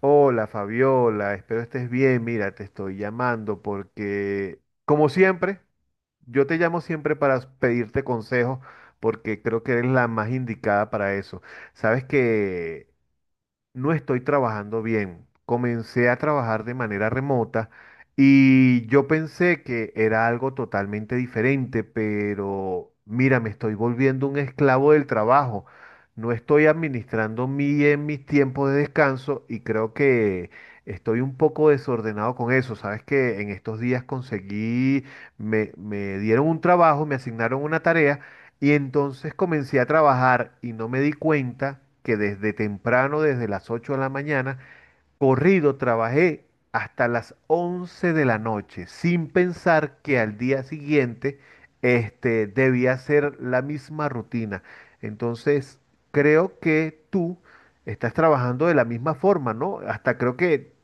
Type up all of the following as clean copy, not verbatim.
Hola Fabiola, espero estés bien. Mira, te estoy llamando porque, como siempre, yo te llamo siempre para pedirte consejos porque creo que eres la más indicada para eso. Sabes que no estoy trabajando bien. Comencé a trabajar de manera remota y yo pensé que era algo totalmente diferente, pero mira, me estoy volviendo un esclavo del trabajo. No estoy administrando bien mis tiempos de descanso y creo que estoy un poco desordenado con eso. Sabes que en estos días conseguí, me dieron un trabajo, me asignaron una tarea. Y entonces comencé a trabajar y no me di cuenta que desde temprano, desde las 8 de la mañana, corrido trabajé hasta las 11 de la noche, sin pensar que al día siguiente debía hacer la misma rutina. Entonces, creo que tú estás trabajando de la misma forma, ¿no? Hasta creo que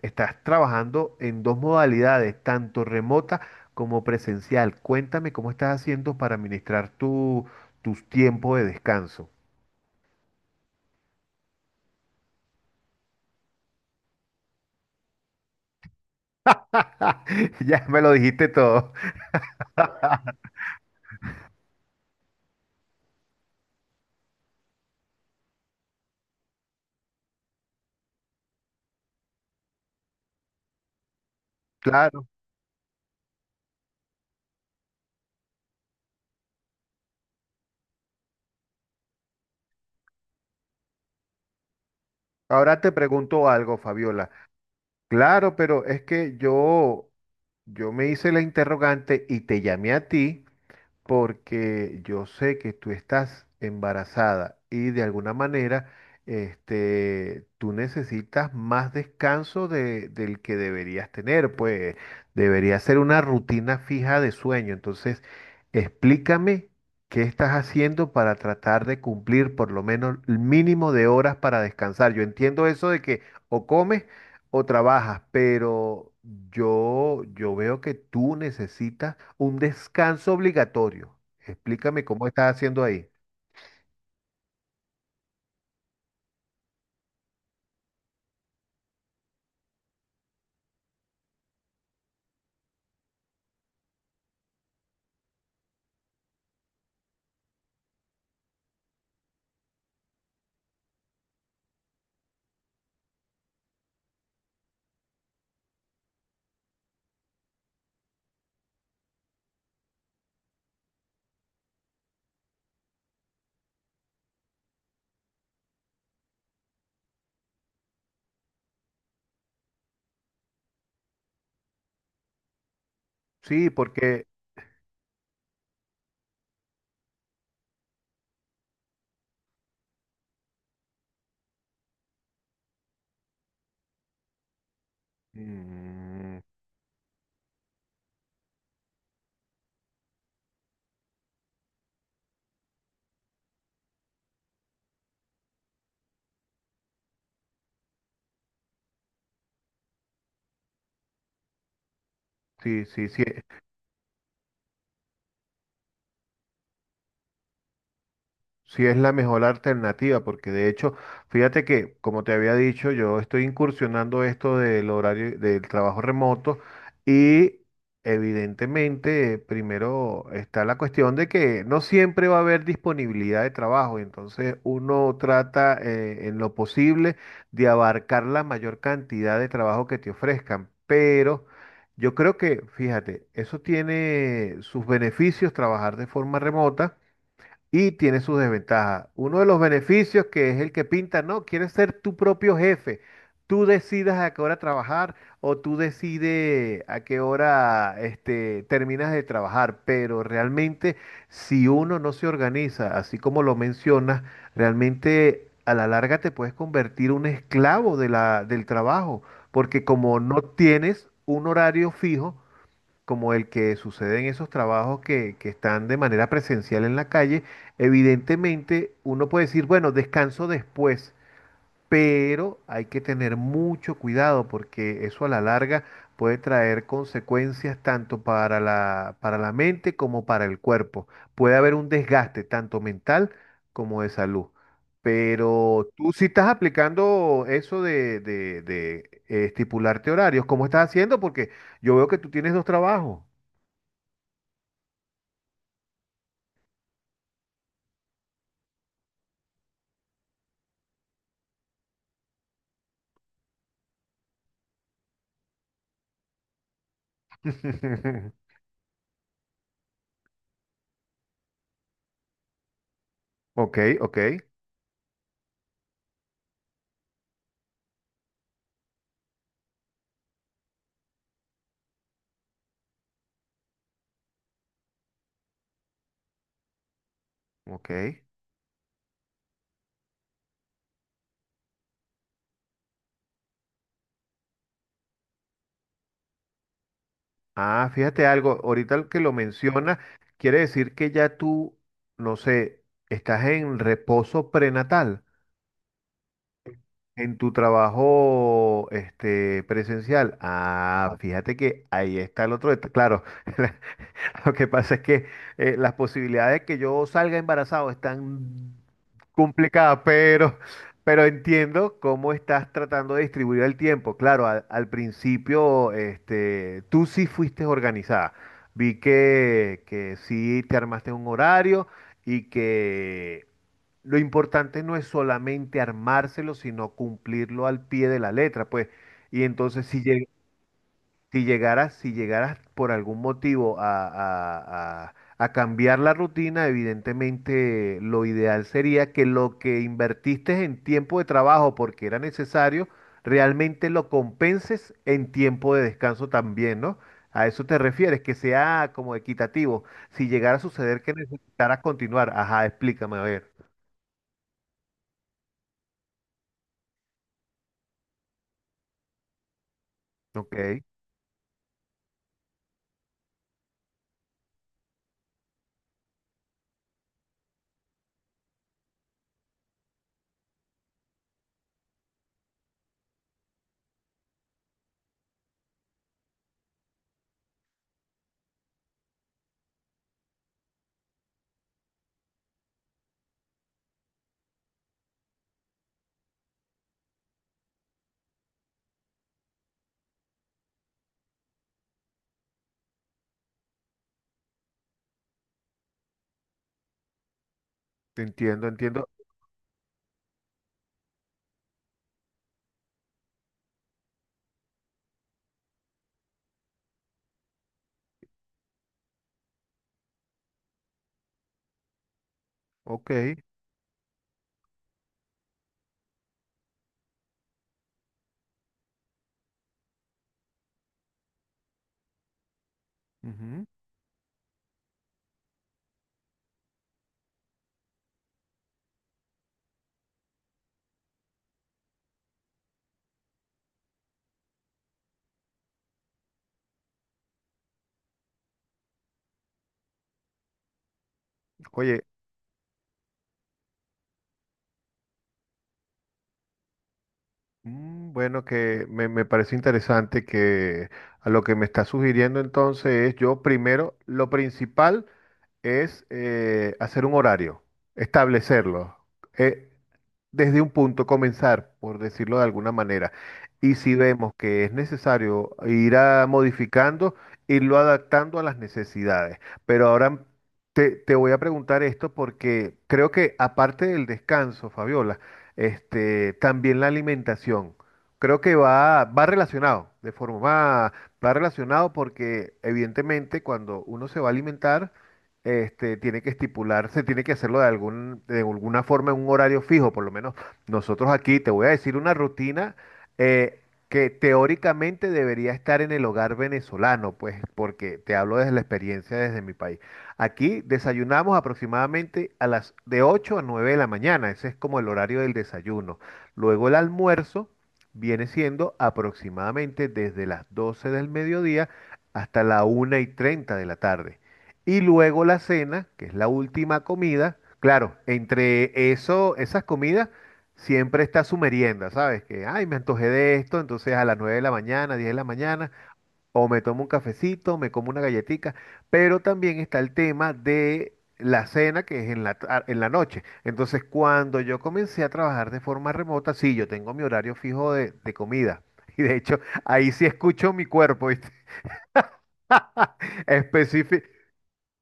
estás trabajando en dos modalidades, tanto remota como presencial. Cuéntame cómo estás haciendo para administrar tus tiempos de descanso. Ya me lo dijiste todo. Claro. Ahora te pregunto algo, Fabiola. Claro, pero es que yo me hice la interrogante y te llamé a ti porque yo sé que tú estás embarazada y de alguna manera tú necesitas más descanso del que deberías tener, pues debería ser una rutina fija de sueño. Entonces, explícame qué estás haciendo para tratar de cumplir por lo menos el mínimo de horas para descansar. Yo entiendo eso de que o comes o trabajas, pero yo veo que tú necesitas un descanso obligatorio. Explícame cómo estás haciendo ahí. Sí, porque mm, sí, sí, sí. Sí, es la mejor alternativa, porque de hecho, fíjate que, como te había dicho, yo estoy incursionando esto del horario del trabajo remoto y evidentemente, primero está la cuestión de que no siempre va a haber disponibilidad de trabajo, entonces uno trata en lo posible de abarcar la mayor cantidad de trabajo que te ofrezcan, pero yo creo que, fíjate, eso tiene sus beneficios trabajar de forma remota. Y tiene sus desventajas. Uno de los beneficios que es el que pinta, no, quieres ser tu propio jefe. Tú decidas a qué hora trabajar o tú decides a qué hora terminas de trabajar. Pero realmente, si uno no se organiza, así como lo mencionas, realmente a la larga te puedes convertir un esclavo de del trabajo. Porque como no tienes un horario fijo, como el que sucede en esos trabajos que están de manera presencial en la calle, evidentemente uno puede decir, bueno, descanso después, pero hay que tener mucho cuidado porque eso a la larga puede traer consecuencias tanto para para la mente como para el cuerpo. Puede haber un desgaste tanto mental como de salud. Pero tú si estás aplicando eso de estipularte horarios, ¿cómo estás haciendo? Porque yo veo que tú tienes dos trabajos. Ok, ok, ok. Ah, fíjate algo, ahorita que lo menciona, quiere decir que ya tú, no sé, estás en reposo prenatal en tu trabajo presencial. Ah, fíjate que ahí está el otro, detalle. Claro. Lo que pasa es que las posibilidades de que yo salga embarazado están complicadas, pero entiendo cómo estás tratando de distribuir el tiempo. Claro, al principio tú sí fuiste organizada. Vi que sí te armaste un horario y que lo importante no es solamente armárselo, sino cumplirlo al pie de la letra, pues. Y entonces si llegaras, si llegaras por algún motivo a, a cambiar la rutina, evidentemente lo ideal sería que lo que invertiste en tiempo de trabajo porque era necesario, realmente lo compenses en tiempo de descanso también, ¿no? A eso te refieres, que sea como equitativo. Si llegara a suceder que necesitaras continuar, ajá, explícame, a ver. Ok, te entiendo, entiendo. Ok. Ujú. Oye, mm, bueno, que me parece interesante que a lo que me está sugiriendo entonces es yo primero, lo principal es hacer un horario, establecerlo. Eh, desde un punto, comenzar, por decirlo de alguna manera. Y si vemos que es necesario modificando, irlo adaptando a las necesidades. Pero ahora te voy a preguntar esto porque creo que aparte del descanso, Fabiola, también la alimentación. Creo que va relacionado, de forma, va relacionado porque evidentemente cuando uno se va a alimentar, tiene que estipularse, tiene que hacerlo de algún, de alguna forma en un horario fijo, por lo menos nosotros aquí, te voy a decir una rutina eh, que teóricamente debería estar en el hogar venezolano, pues, porque te hablo desde la experiencia desde mi país. Aquí desayunamos aproximadamente a las de 8 a 9 de la mañana, ese es como el horario del desayuno. Luego el almuerzo viene siendo aproximadamente desde las 12 del mediodía hasta la 1:30 de la tarde. Y luego la cena, que es la última comida. Claro, entre eso, esas comidas, siempre está su merienda, ¿sabes? Que, ay, me antojé de esto, entonces a las 9 de la mañana, 10 de la mañana, o me tomo un cafecito, me como una galletita, pero también está el tema de la cena, que es en la, en la noche. Entonces, cuando yo comencé a trabajar de forma remota, sí, yo tengo mi horario fijo de comida. Y de hecho, ahí sí escucho mi cuerpo, ¿viste? Específico.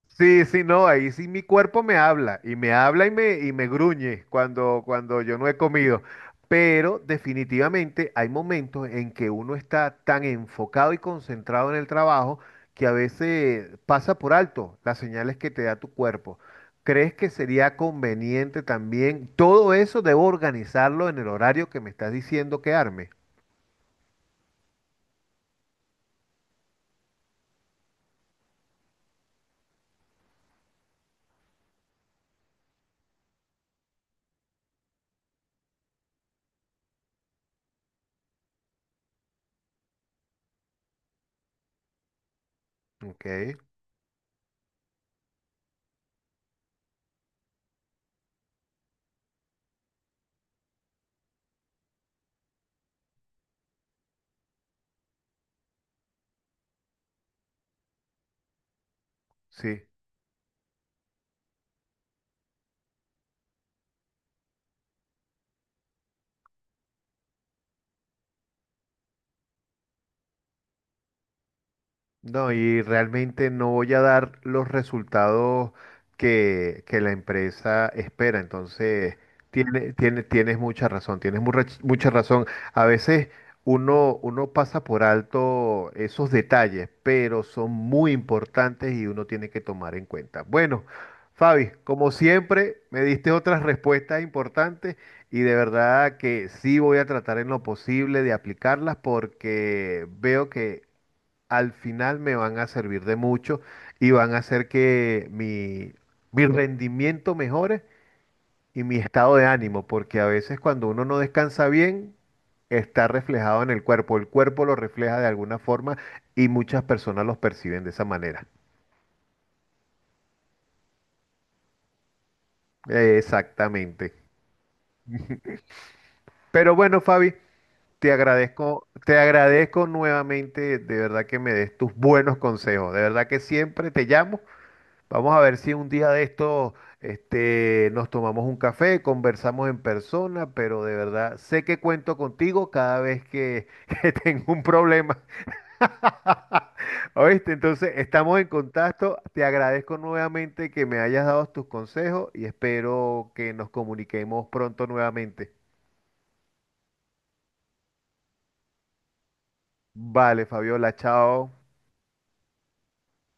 Sí, sí, no, ahí sí mi cuerpo me habla y y me gruñe cuando yo no he comido. Pero definitivamente hay momentos en que uno está tan enfocado y concentrado en el trabajo que a veces pasa por alto las señales que te da tu cuerpo. ¿Crees que sería conveniente también? Todo eso debo organizarlo en el horario que me estás diciendo que arme. Ok, sí. No, y realmente no voy a dar los resultados que la empresa espera. Entonces, tienes mucha razón, tienes mucha razón. A veces uno pasa por alto esos detalles, pero son muy importantes y uno tiene que tomar en cuenta. Bueno, Fabi, como siempre, me diste otras respuestas importantes y de verdad que sí voy a tratar en lo posible de aplicarlas porque veo que al final me van a servir de mucho y van a hacer que mi rendimiento mejore y mi estado de ánimo, porque a veces cuando uno no descansa bien, está reflejado en el cuerpo lo refleja de alguna forma y muchas personas los perciben de esa manera. Exactamente. Pero bueno, Fabi, te agradezco nuevamente, de verdad que me des tus buenos consejos, de verdad que siempre te llamo. Vamos a ver si un día de esto, nos tomamos un café, conversamos en persona, pero de verdad sé que cuento contigo cada vez que, que tengo un problema. ¿Oíste? Entonces, estamos en contacto. Te agradezco nuevamente que me hayas dado tus consejos y espero que nos comuniquemos pronto nuevamente. Vale, Fabiola, chao.